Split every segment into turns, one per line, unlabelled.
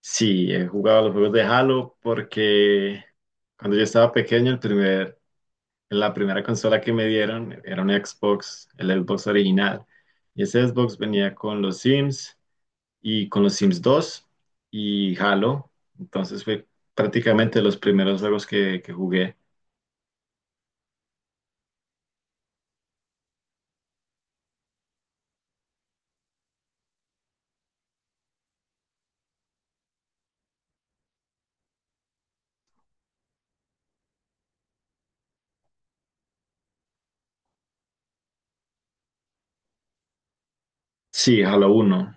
Sí, he jugado los juegos de Halo porque cuando yo estaba pequeño, la primera consola que me dieron era un Xbox, el Xbox original. Y ese Xbox venía con los Sims y con los Sims dos y Halo. Entonces fue prácticamente los primeros juegos que jugué. Sí, Halo uno.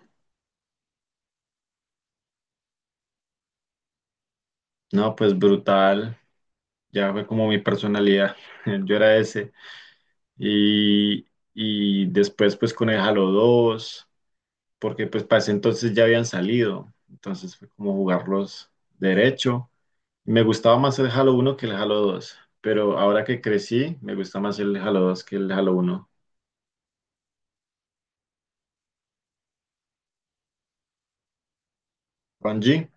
No, pues brutal. Ya fue como mi personalidad. Yo era ese. Y, y después pues con el Halo dos, porque pues para ese entonces ya habían salido, entonces fue como jugarlos derecho. Me gustaba más el Halo uno que el Halo dos, pero ahora que crecí, me gusta más el Halo dos que el Halo uno. Bungie,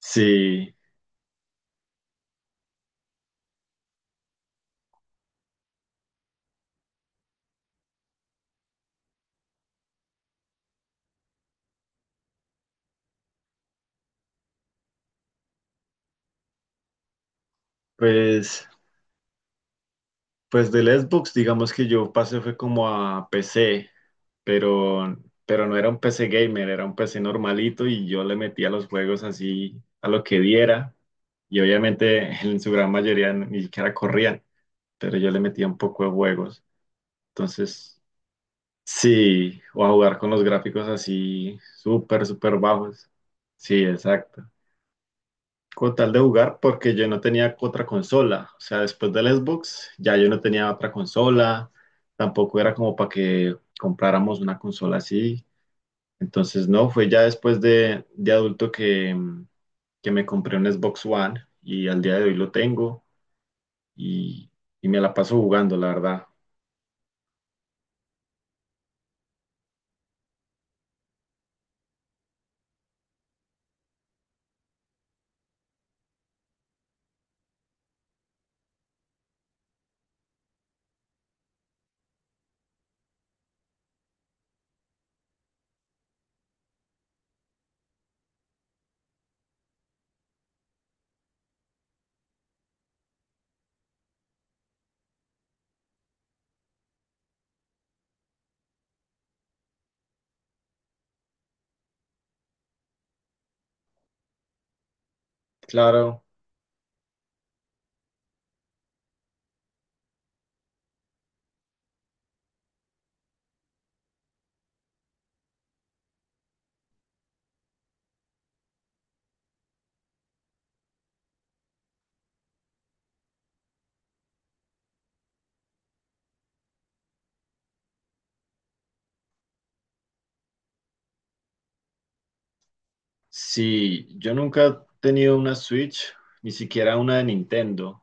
sí, pues, pues del Xbox, digamos que yo pasé fue como a PC, pero, pero no era un PC gamer, era un PC normalito y yo le metía los juegos así a lo que diera. Y obviamente en su gran mayoría ni siquiera corrían, pero yo le metía un poco de juegos. Entonces, sí, o a jugar con los gráficos así súper, súper bajos. Sí, exacto. Con tal de jugar, porque yo no tenía otra consola. O sea, después del Xbox, ya yo no tenía otra consola. Tampoco era como para que compráramos una consola así. Entonces, no, fue ya después de adulto que, que me compré un Xbox One y al día de hoy lo tengo y, y me la paso jugando, la verdad. Claro. Sí, yo nunca he tenido una Switch, ni siquiera una de Nintendo.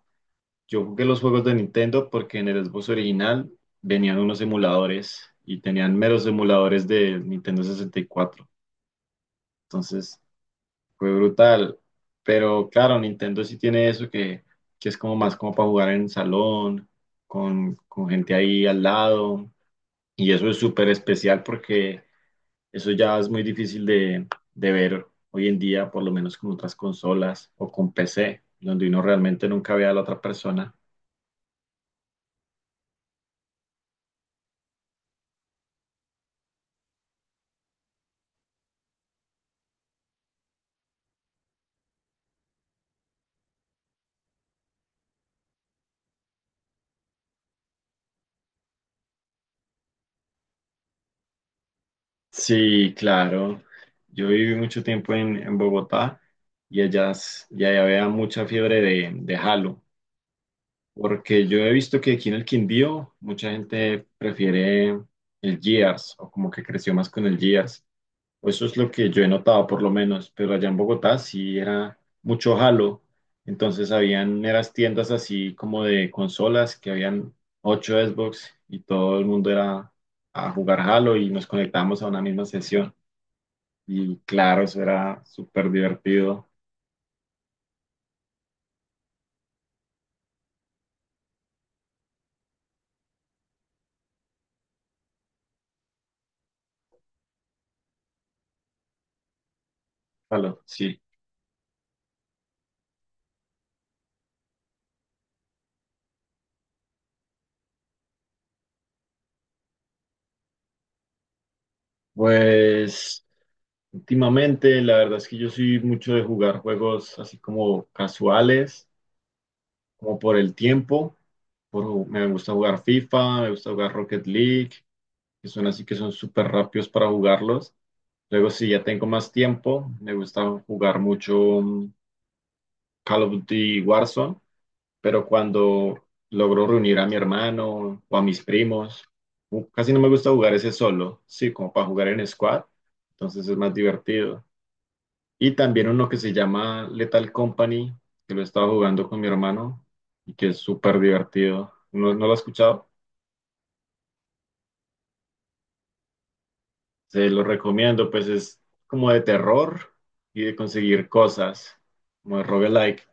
Yo jugué los juegos de Nintendo porque en el Xbox original venían unos emuladores y tenían meros emuladores de Nintendo 64. Entonces fue brutal. Pero claro, Nintendo sí tiene eso que es como más como para jugar en salón, con gente ahí al lado. Y eso es súper especial porque eso ya es muy difícil de ver hoy en día, por lo menos con otras consolas o con PC, donde uno realmente nunca ve a la otra persona. Sí, claro. Yo viví mucho tiempo en Bogotá y y allá había mucha fiebre de Halo, porque yo he visto que aquí en el Quindío mucha gente prefiere el Gears o como que creció más con el Gears. Pues eso es lo que yo he notado, por lo menos, pero allá en Bogotá sí era mucho jalo. Entonces habían eras tiendas así como de consolas que habían ocho Xbox y todo el mundo era a jugar jalo y nos conectábamos a una misma sesión. Y claro, eso era súper divertido. Jalo, sí. Pues últimamente la verdad es que yo soy mucho de jugar juegos así como casuales, como por el tiempo. Me gusta jugar FIFA, me gusta jugar Rocket League, que son así que son súper rápidos para jugarlos. Luego, si ya tengo más tiempo, me gusta jugar mucho mm, Call of Duty Warzone, pero cuando logro reunir a mi hermano o a mis primos, casi no me gusta jugar ese solo, sí, como para jugar en squad, entonces es más divertido. Y también uno que se llama Lethal Company, que lo he estado jugando con mi hermano y que es súper divertido. ¿No lo has escuchado? Se lo recomiendo, pues es como de terror y de conseguir cosas, como de roguelike.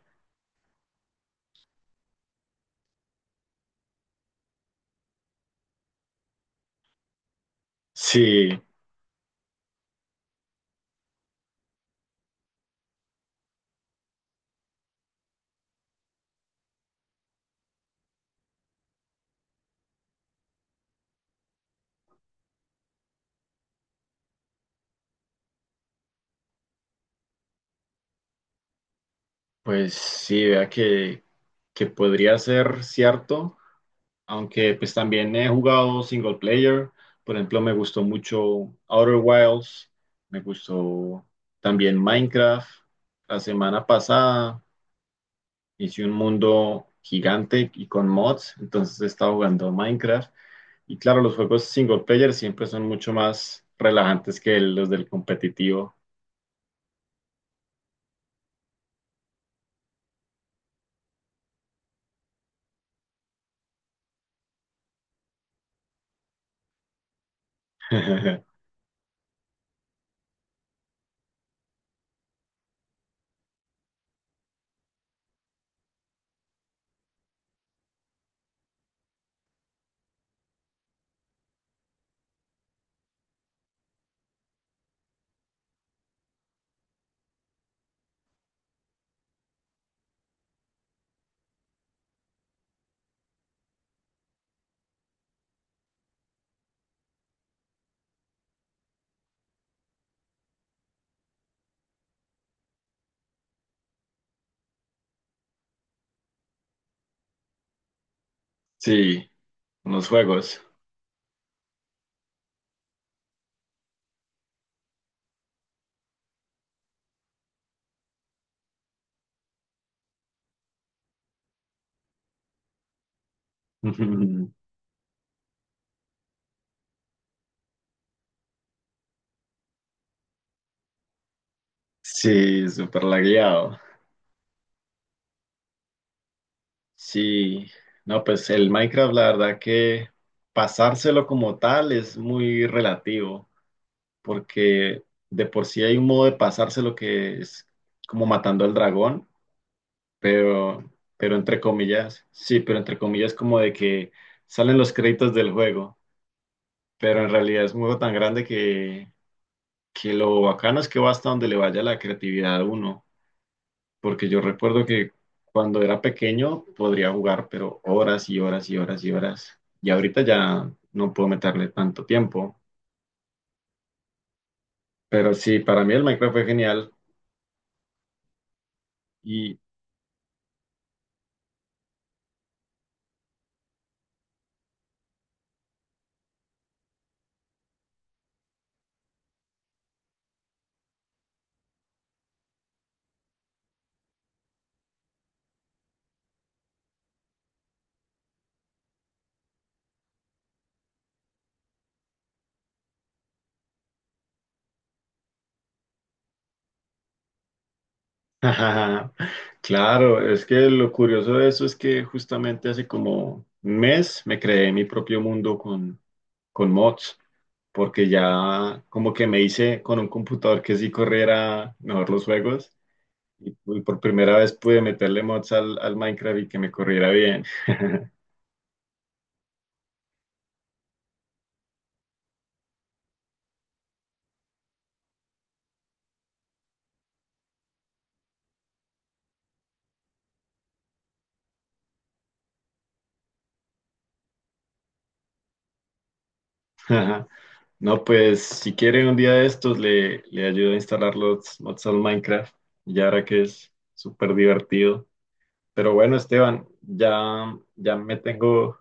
Sí, pues sí, vea que podría ser cierto, aunque pues también he jugado single player. Por ejemplo, me gustó mucho Outer Wilds, me gustó también Minecraft. La semana pasada hice un mundo gigante y con mods, entonces estaba jugando Minecraft. Y claro, los juegos single player siempre son mucho más relajantes que los del competitivo. Sí, los juegos. Sí, súper lagueado. Sí, no, pues el Minecraft, la verdad que pasárselo como tal es muy relativo, porque de por sí hay un modo de pasárselo que es como matando al dragón. pero, pero entre comillas, sí, pero entre comillas como de que salen los créditos del juego, pero en realidad es un juego tan grande que lo bacano es que va hasta donde le vaya la creatividad a uno, porque yo recuerdo que cuando era pequeño podría jugar, pero horas y horas y horas y horas, y ahorita ya no puedo meterle tanto tiempo, pero sí, para mí el Minecraft fue genial. Y ajá, claro, es que lo curioso de eso es que justamente hace como un mes me creé mi propio mundo con mods, porque ya como que me hice con un computador que sí corriera mejor los juegos y por primera vez pude meterle mods al Minecraft y que me corriera bien. Ajá. No, pues si quieren un día de estos le ayudo a instalar los mods al Minecraft, y ahora que es súper divertido. Pero bueno, Esteban,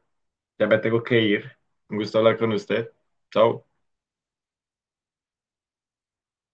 ya me tengo que ir. Un gusto hablar con usted. Chao.